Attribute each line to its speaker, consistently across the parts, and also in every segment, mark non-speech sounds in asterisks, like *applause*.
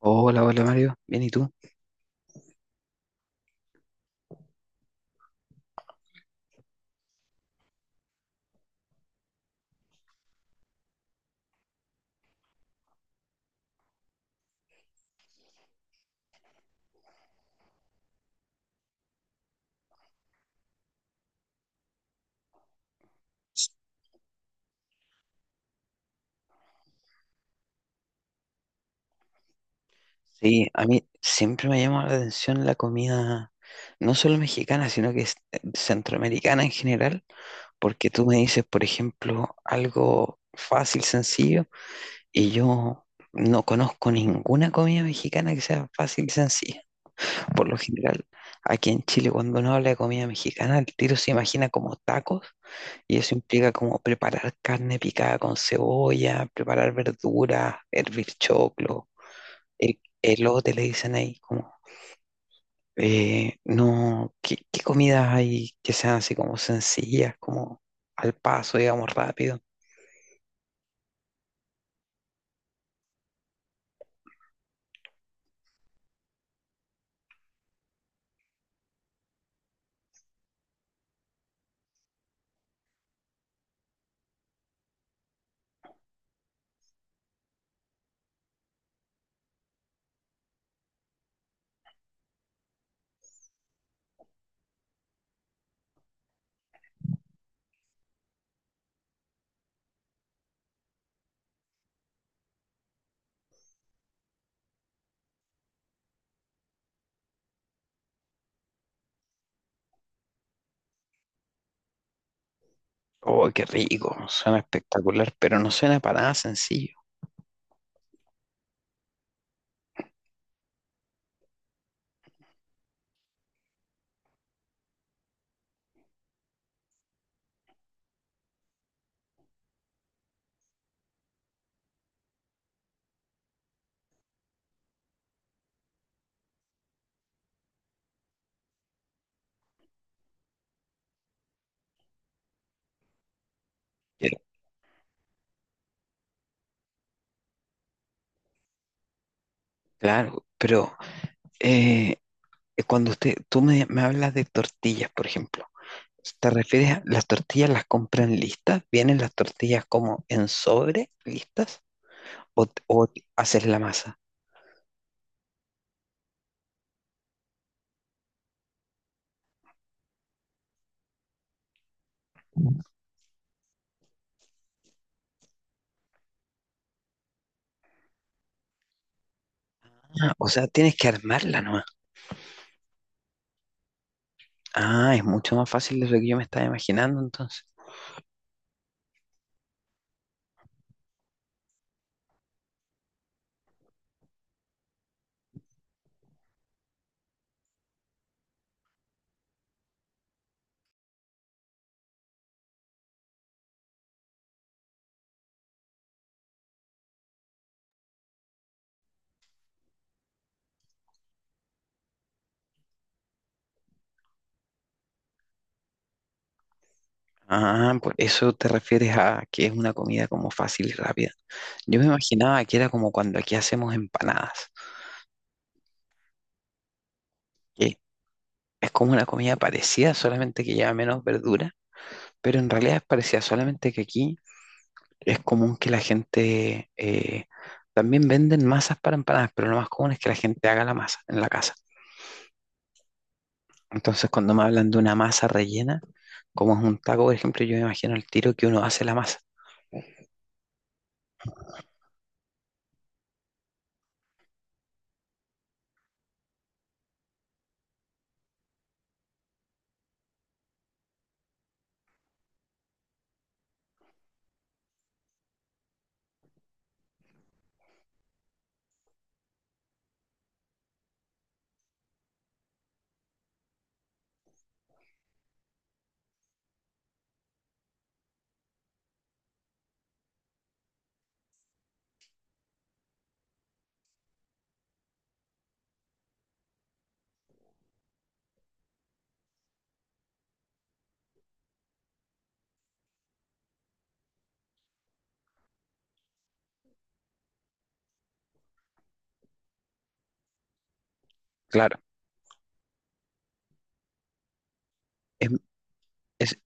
Speaker 1: Hola, hola Mario, bien, ¿y tú? Sí, a mí siempre me llama la atención la comida, no solo mexicana, sino que es centroamericana en general, porque tú me dices, por ejemplo, algo fácil, sencillo, y yo no conozco ninguna comida mexicana que sea fácil y sencilla. *laughs* Por lo general, aquí en Chile, cuando uno habla de comida mexicana, el tiro se imagina como tacos, y eso implica como preparar carne picada con cebolla, preparar verduras, hervir choclo. Los hoteles dicen ahí como, no, ¿qué, qué comidas hay que sean así como sencillas, como al paso, digamos, rápido? Oh, qué rico, suena espectacular, pero no suena para nada sencillo. Pero- Claro, pero eh, cuando tú me, me hablas de tortillas, por ejemplo, ¿te refieres a las tortillas las compran listas? ¿Vienen las tortillas como en sobre listas? O haces la masa? Ah, o sea, tienes que armarla nomás. Ah, es mucho más fácil de lo que yo me estaba imaginando entonces. Ah, por eso te refieres a que es una comida como fácil y rápida. Yo me imaginaba que era como cuando aquí hacemos empanadas, que es como una comida parecida, solamente que lleva menos verdura, pero en realidad es parecida, solamente que aquí es común que la gente también venden masas para empanadas, pero lo más común es que la gente haga la masa en la casa. Entonces, cuando me hablan de una masa rellena, como es un taco, por ejemplo, yo me imagino el tiro que uno hace la masa. Claro. Es- es-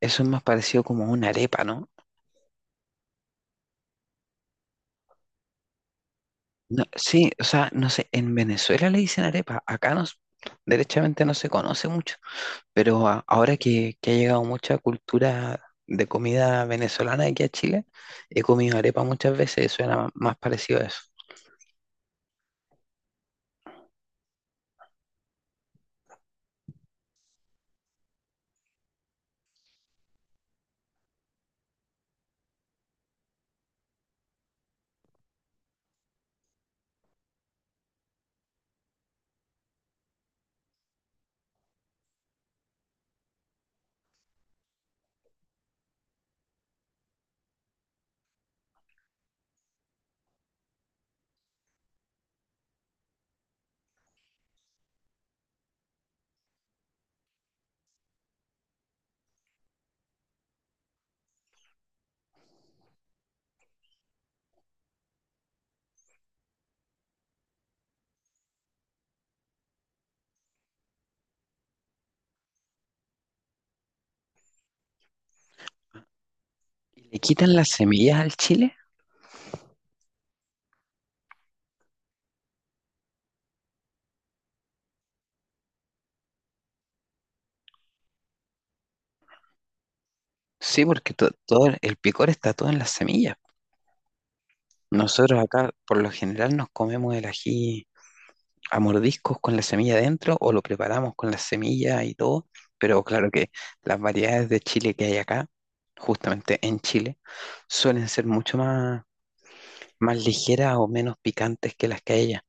Speaker 1: Eso es más parecido como a una arepa, ¿no? No, sí, o sea, no sé, en Venezuela le dicen arepa, acá no, derechamente no se conoce mucho, pero ahora que ha llegado mucha cultura de comida venezolana aquí a Chile, he comido arepa muchas veces, eso era más parecido a eso. ¿Le quitan las semillas al chile? Sí, porque todo el picor está todo en las semillas. Nosotros acá por lo general nos comemos el ají a mordiscos con la semilla dentro o lo preparamos con la semilla y todo, pero claro que las variedades de chile que hay acá, justamente en Chile, suelen ser mucho más, más ligeras o menos picantes que las que hay allá.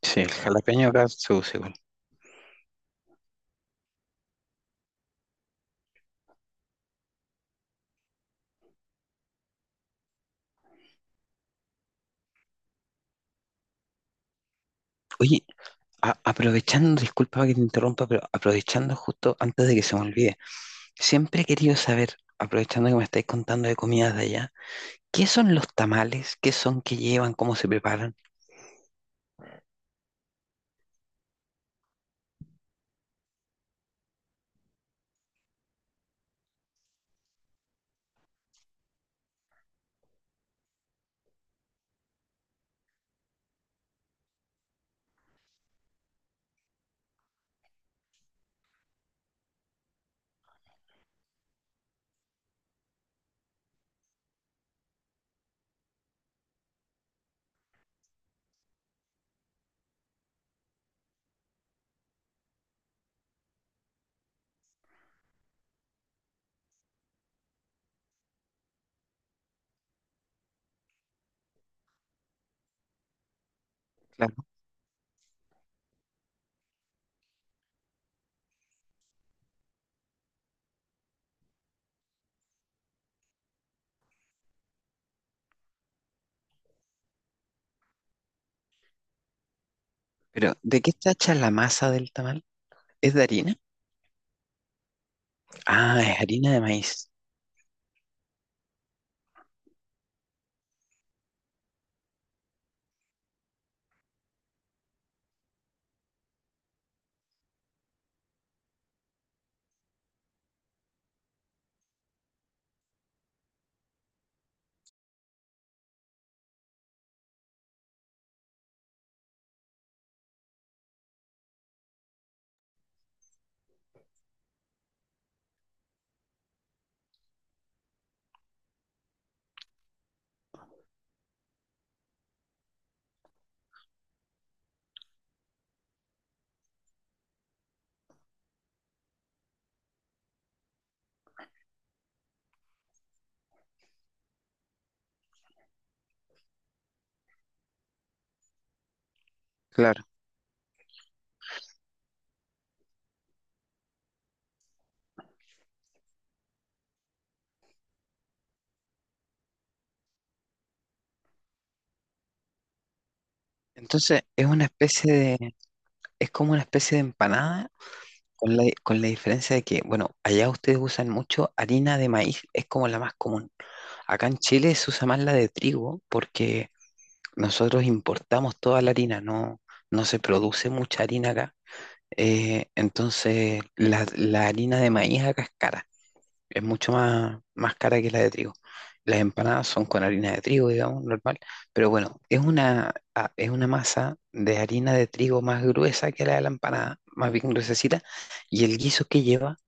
Speaker 1: Sí, el jalapeño acá se usa igual. Oye, aprovechando, disculpa que te interrumpa, pero aprovechando justo antes de que se me olvide, siempre he querido saber, aprovechando que me estáis contando de comidas de allá, ¿qué son los tamales? ¿Qué son qué llevan? ¿Cómo se preparan? Pero, ¿de qué está hecha la masa del tamal? ¿Es de harina? Ah, es harina de maíz, claro. Entonces, es una especie de, es como una especie de empanada, con la diferencia de que, bueno, allá ustedes usan mucho harina de maíz, es como la más común. Acá en Chile se usa más la de trigo, porque nosotros importamos toda la harina, no, no se produce mucha harina acá. Entonces, la, la harina de maíz acá es cara. Es mucho más, más cara que la de trigo. Las empanadas son con harina de trigo, digamos, normal, pero bueno, es una, es una masa de harina de trigo más gruesa que la de la empanada, más bien gruesecita, y el guiso que lleva,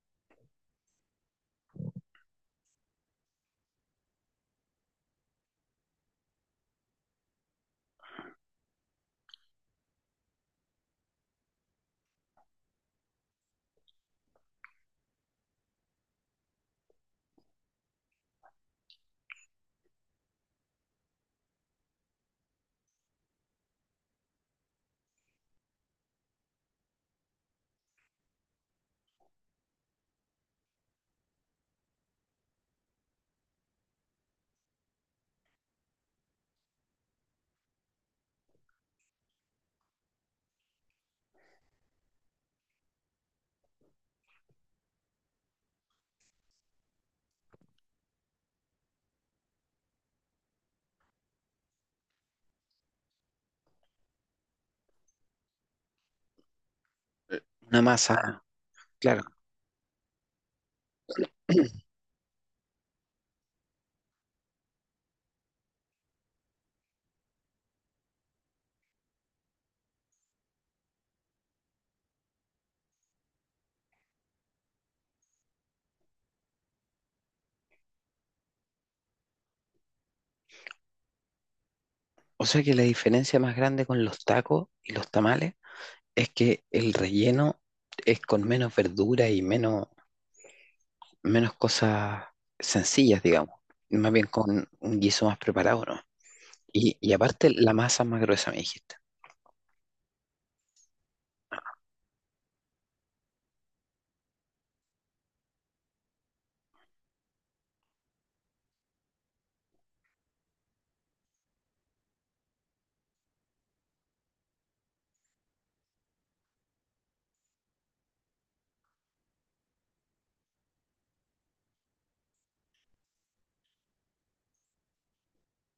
Speaker 1: una masa, claro. *clears throat* O sea que la diferencia más grande con los tacos y los tamales es que el relleno es con menos verdura y menos, menos cosas sencillas, digamos, más bien con un guiso más preparado, ¿no? Y aparte la masa es más gruesa, me dijiste.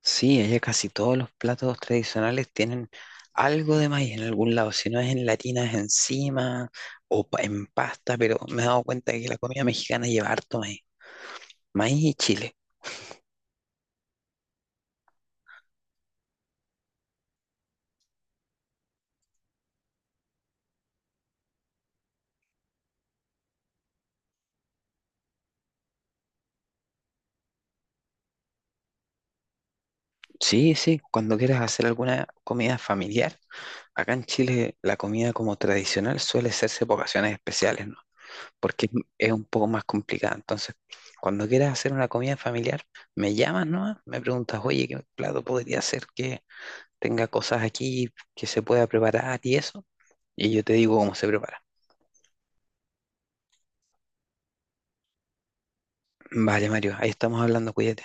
Speaker 1: Sí, allá casi todos los platos tradicionales tienen algo de maíz en algún lado, si no es en latinas es encima o en pasta, pero me he dado cuenta que la comida mexicana lleva harto maíz, maíz y chile. Sí, sí, cuando quieras hacer alguna comida familiar, acá en Chile la comida como tradicional suele hacerse por ocasiones especiales, ¿no? Porque es un poco más complicada. Entonces, cuando quieras hacer una comida familiar, me llamas, ¿no? Me preguntas, oye, ¿qué plato podría hacer? Tenga cosas aquí que se pueda preparar y eso. Y yo te digo cómo se prepara. Vale, Mario, ahí estamos hablando, cuídate.